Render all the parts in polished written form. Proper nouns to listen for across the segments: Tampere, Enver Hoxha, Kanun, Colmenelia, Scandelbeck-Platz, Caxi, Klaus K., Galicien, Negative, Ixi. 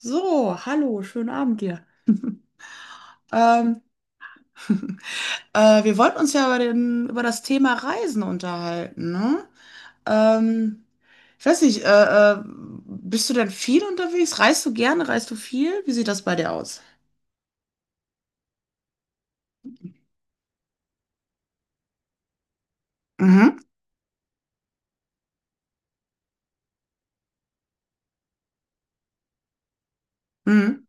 So, hallo, schönen Abend dir. Ähm, wir wollten uns ja über das Thema Reisen unterhalten, ne? Ähm, ich weiß nicht, bist du denn viel unterwegs? Reist du gerne? Reist du viel? Wie sieht das bei dir aus? Mhm. Mhm.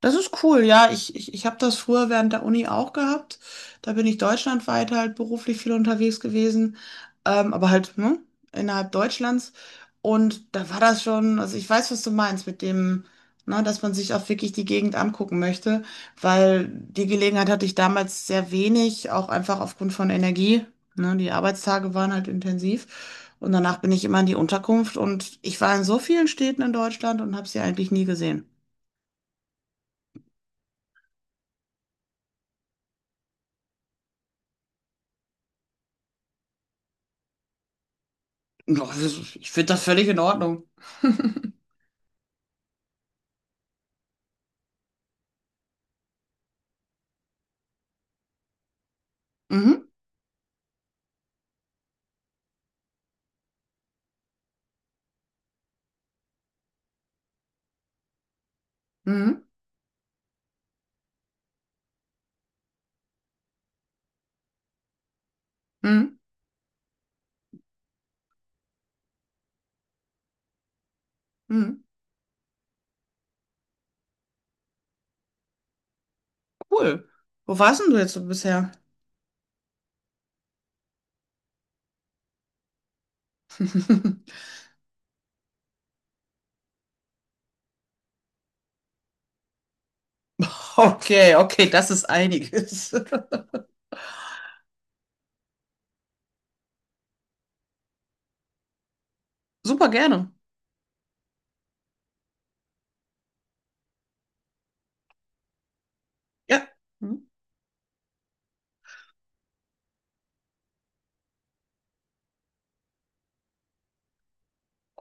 Das ist cool, ja. Ich habe das früher während der Uni auch gehabt. Da bin ich deutschlandweit halt beruflich viel unterwegs gewesen, aber halt ne, innerhalb Deutschlands. Und da war das schon, also ich weiß, was du meinst mit dem, ne, dass man sich auch wirklich die Gegend angucken möchte, weil die Gelegenheit hatte ich damals sehr wenig, auch einfach aufgrund von Energie. Ne, die Arbeitstage waren halt intensiv. Und danach bin ich immer in die Unterkunft und ich war in so vielen Städten in Deutschland und habe sie eigentlich nie gesehen. Ich finde das völlig in Ordnung. Mhm, mhm, mhm, mhm. Cool. Wo warst denn du jetzt so bisher? Okay, okay, das ist einiges. Super gerne. Ja. Mhm.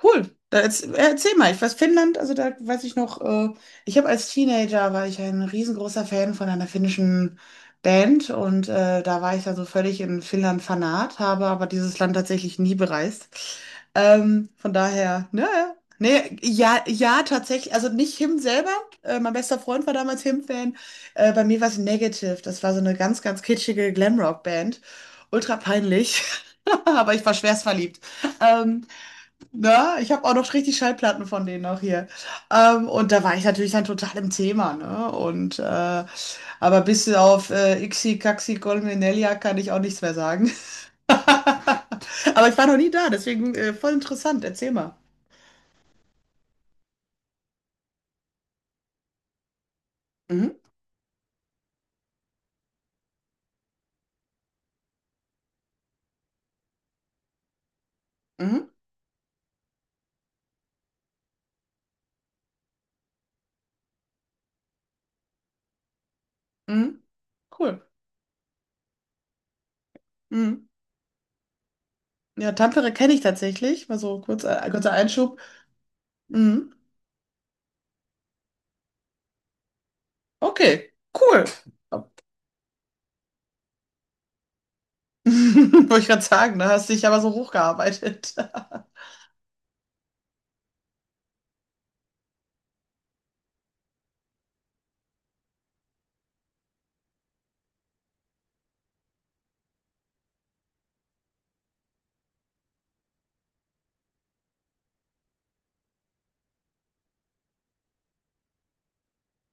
Cool. Erzähl mal, ich weiß Finnland, also da weiß ich noch, ich habe als Teenager war ich ein riesengroßer Fan von einer finnischen Band und da war ich dann so völlig in Finnland Fanat, habe aber dieses Land tatsächlich nie bereist. Von daher, ne, ne, ja, tatsächlich, also nicht Him selber, mein bester Freund war damals Him-Fan, bei mir war es Negative, das war so eine ganz kitschige Glamrock-Band, ultra peinlich, aber ich war schwerst verliebt. Ähm, na, ich habe auch noch richtig Schallplatten von denen auch hier. Und da war ich natürlich dann total im Thema, ne? Und aber bis auf Ixi, Caxi, Colmenelia kann ich auch nichts mehr sagen. Aber ich war noch nie da, deswegen voll interessant. Erzähl mal. Mhm, mhm, mhm. Cool. Mhm. Ja, Tampere kenne ich tatsächlich. Mal so kurz, kurzer Einschub. Mhm. Okay, cool. Wollte ich gerade sagen, da hast dich aber so hochgearbeitet.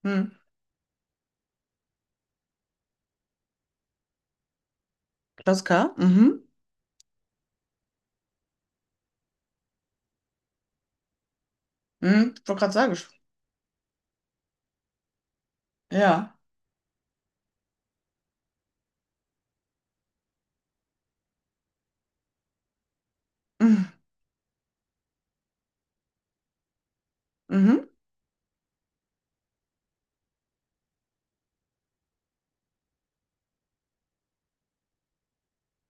Mhm. Klaus K. Mhm. Ich wollte gerade sagen, ich- ja. Mhm. Mhm.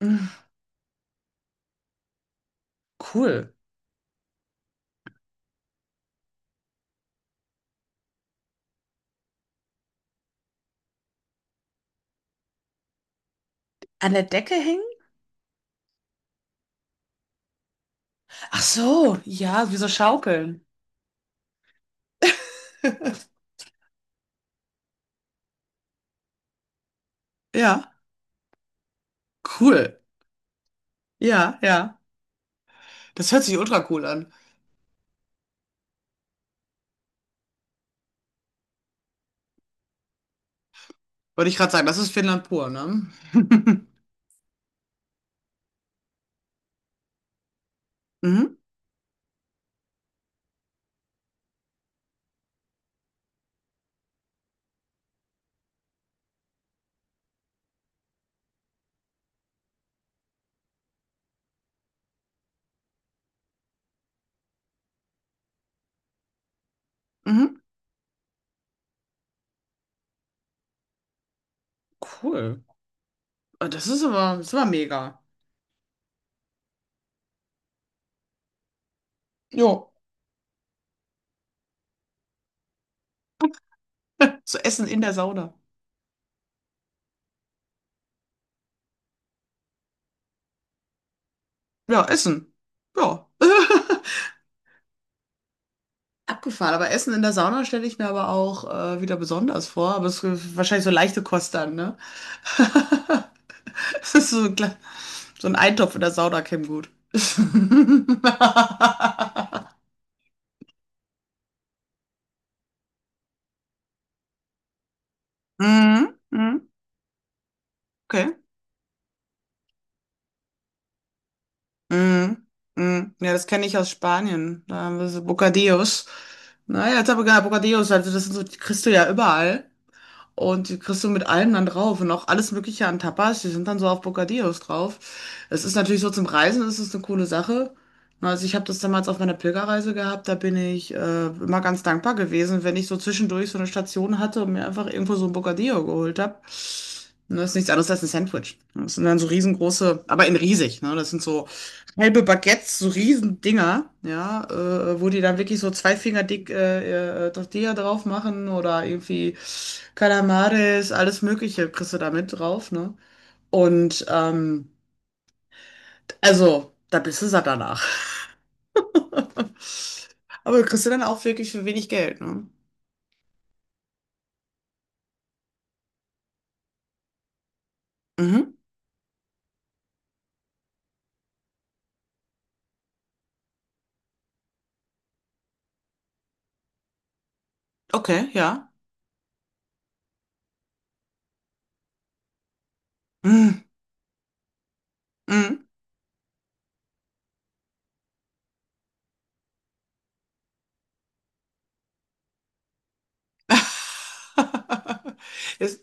Mhm. Cool. An der Decke hängen? Ach so, ja, wie so Schaukeln. Ja, cool. Ja, ja. Das hört sich ultra cool an. Wollte ich gerade sagen, das ist Finnland pur, ne? Mhm. Mhm. Cool. Ah, das ist aber, das war mega. Jo. So Essen in der Sauna. Ja, Essen. Ja. Abgefahren, aber Essen in der Sauna stelle ich mir aber auch wieder besonders vor. Aber es ist wahrscheinlich so leichte Kost dann, ne? Das ist so ein, kle- So ein Eintopf in der Sauna käme gut. Mhm, mhm, okay. Mhm, mhm. Ja, das kenne ich aus Spanien. Da haben wir so Bocadillos. Naja, jetzt habe ich gerade Bocadillos, also das sind so, die kriegst du ja überall. Und die kriegst du mit allem dann drauf und auch alles Mögliche an Tapas, die sind dann so auf Bocadillos drauf. Es ist natürlich so zum Reisen, ist es eine coole Sache. Na, also ich habe das damals auf meiner Pilgerreise gehabt, da bin ich immer ganz dankbar gewesen, wenn ich so zwischendurch so eine Station hatte und mir einfach irgendwo so ein Bocadillo geholt habe. Das ist nichts anderes als ein Sandwich. Das sind dann so riesengroße, aber in riesig, ne? Das sind so halbe Baguettes, so Riesendinger, ja, wo die dann wirklich so zwei Finger dick Tortilla drauf machen oder irgendwie Calamares, alles Mögliche kriegst du da mit drauf, ne? Und also, da bist du satt danach. Aber du kriegst du dann auch wirklich für wenig Geld, ne? Mhm. Okay, ja. Mhm. Mhm. Ist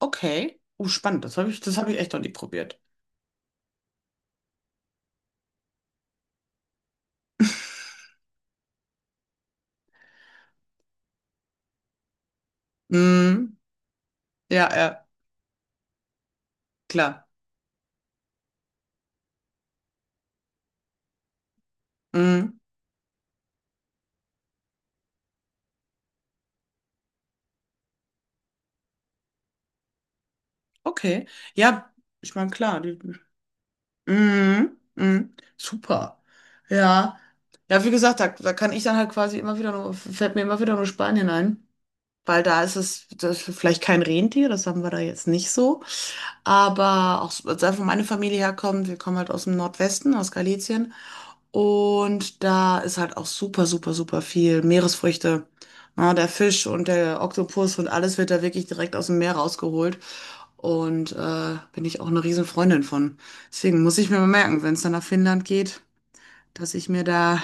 okay. Oh, spannend. Das habe ich echt noch nie probiert. Mhm. Ja, ja, klar. Mhm. Okay. Ja, ich meine, klar. Die, mhm, mhm, super. Ja. Ja, wie gesagt, da, da kann ich dann halt quasi immer wieder nur, fällt mir immer wieder nur Spanien ein. Weil da ist es, das ist vielleicht kein Rentier, das haben wir da jetzt nicht so. Aber auch, so- also wo meine Familie herkommt, wir kommen halt aus dem Nordwesten, aus Galicien. Und da ist halt auch super viel Meeresfrüchte. Ja, der Fisch und der Oktopus und alles wird da wirklich direkt aus dem Meer rausgeholt. Und bin ich auch eine riesen Freundin von. Deswegen muss ich mir mal merken, wenn es dann nach Finnland geht, dass ich mir da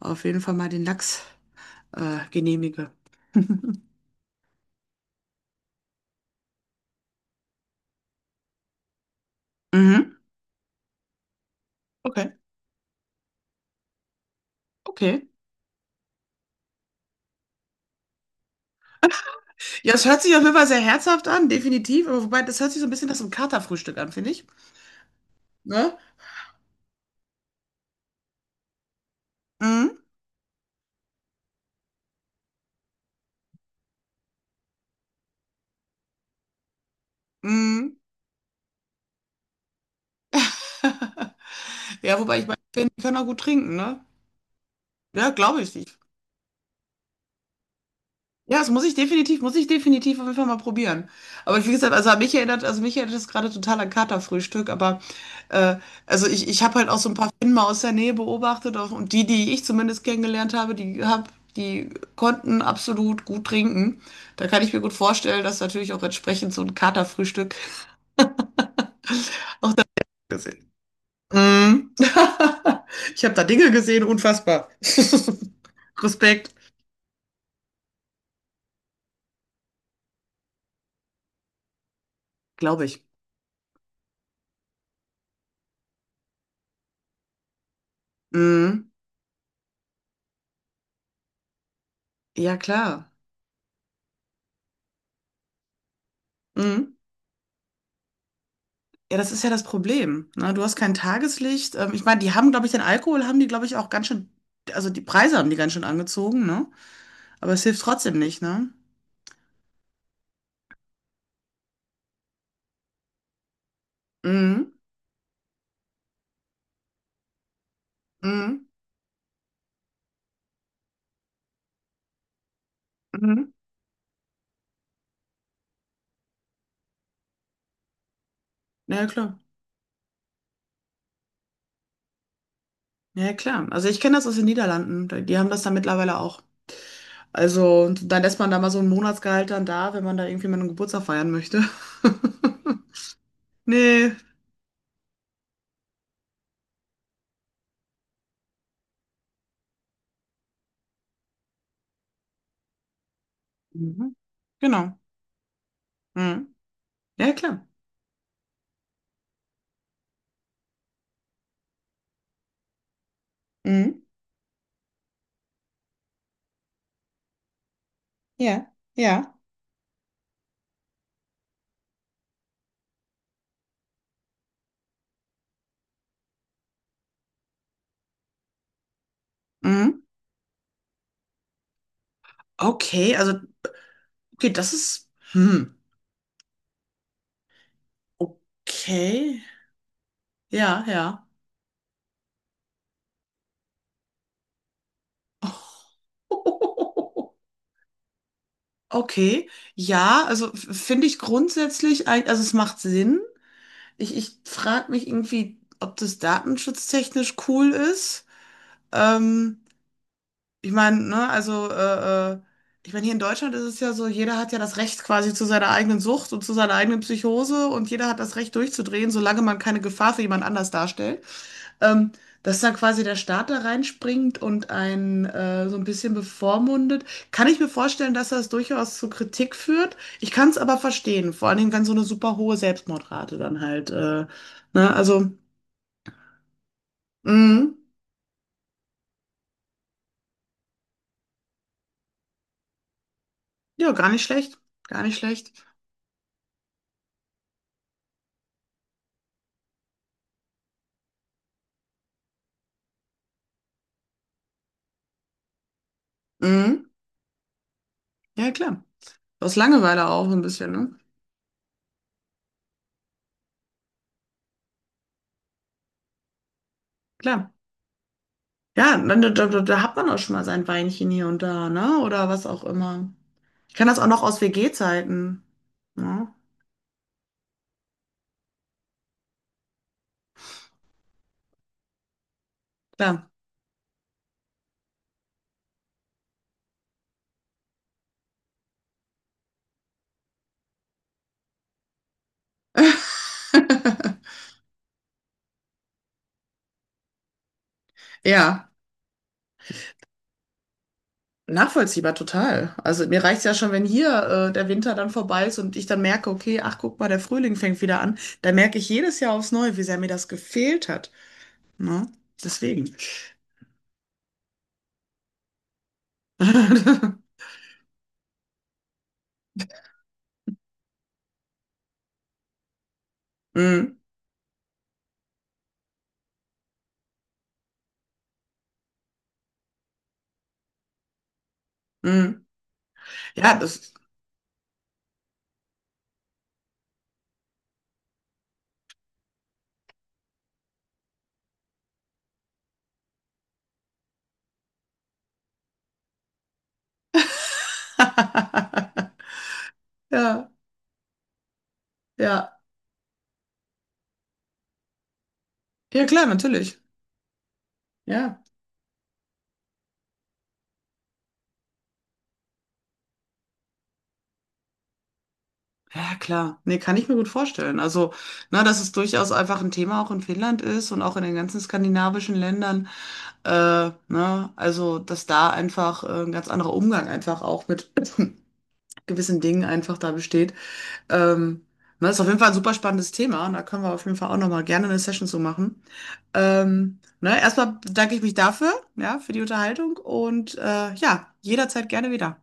auf jeden Fall mal den Lachs genehmige. Mhm. Okay, okay. Ja, es hört sich auf jeden Fall sehr herzhaft an, definitiv. Aber wobei, das hört sich so ein bisschen nach so einem Katerfrühstück an, finde ich. Ne? Mhm. Mhm. Ja, wobei ich meine, die können auch gut trinken, ne? Ja, glaube ich. Ja, das muss ich definitiv auf jeden Fall mal probieren. Aber wie gesagt, also mich erinnert das gerade total an Katerfrühstück, aber äh, also ich habe halt auch so ein paar Finnen mal aus der Nähe beobachtet auch, und die ich zumindest kennengelernt habe, die konnten absolut gut trinken. Da kann ich mir gut vorstellen, dass natürlich auch entsprechend so ein Katerfrühstück gesehen. Mm. Ich habe da Dinge gesehen, unfassbar. Respekt, glaube ich. Mm. Ja, klar. Mm. Ja, das ist ja das Problem. Ne? Du hast kein Tageslicht. Ich meine, die haben, glaube ich, den Alkohol haben die, glaube ich, auch ganz schön, also die Preise haben die ganz schön angezogen, ne? Aber es hilft trotzdem nicht, ne? Mhm. Mhm. Mhm. Ja, klar. Ja, klar. Also ich kenne das aus den Niederlanden. Da- die haben das da mittlerweile auch. Also, und dann lässt man da mal so ein Monatsgehalt dann da, wenn man da irgendwie mal einen Geburtstag feiern möchte. Nee. Mhm. Genau. Mhm. Ja, klar. Mhm. Ja, ja. Mhm. Okay, also. Okay, das ist. Hm. Okay. Ja, ja. Okay. Ja, also f- finde ich grundsätzlich, ein, also es macht Sinn. Ich frage mich irgendwie, ob das datenschutztechnisch cool ist. Ähm, ich meine, ne, also, ich meine, hier in Deutschland ist es ja so, jeder hat ja das Recht quasi zu seiner eigenen Sucht und zu seiner eigenen Psychose und jeder hat das Recht durchzudrehen, solange man keine Gefahr für jemand anders darstellt. Ähm, dass dann quasi der Staat da reinspringt und einen so ein bisschen bevormundet, kann ich mir vorstellen, dass das durchaus zu Kritik führt. Ich kann es aber verstehen, vor allen Dingen, wenn so eine super hohe Selbstmordrate dann halt, ne, also, mm, ja, gar nicht schlecht, gar nicht schlecht. Mm, ja, klar. Aus Langeweile auch so ein bisschen, ne? Klar. Ja, dann, da hat man auch schon mal sein Weinchen hier und da, ne? Oder was auch immer. Ich kann das auch noch aus WG-Zeiten. Ja, klar. Ja, nachvollziehbar total. Also mir reicht es ja schon, wenn hier der Winter dann vorbei ist und ich dann merke, okay, ach guck mal, der Frühling fängt wieder an. Da merke ich jedes Jahr aufs Neue, wie sehr mir das gefehlt hat. Ne? Deswegen. Mm, mm. Ja, das. Ja, ja. Ja, klar, natürlich. Ja. Ja, klar. Nee, kann ich mir gut vorstellen. Also, na, dass es durchaus einfach ein Thema auch in Finnland ist und auch in den ganzen skandinavischen Ländern. Ne? Also, dass da einfach ein ganz anderer Umgang einfach auch mit gewissen Dingen einfach da besteht. Ähm, ne, ist auf jeden Fall ein super spannendes Thema. Und da können wir auf jeden Fall auch nochmal gerne eine Session so machen. Ne? Erstmal bedanke ich mich dafür, ja, für die Unterhaltung und ja, jederzeit gerne wieder.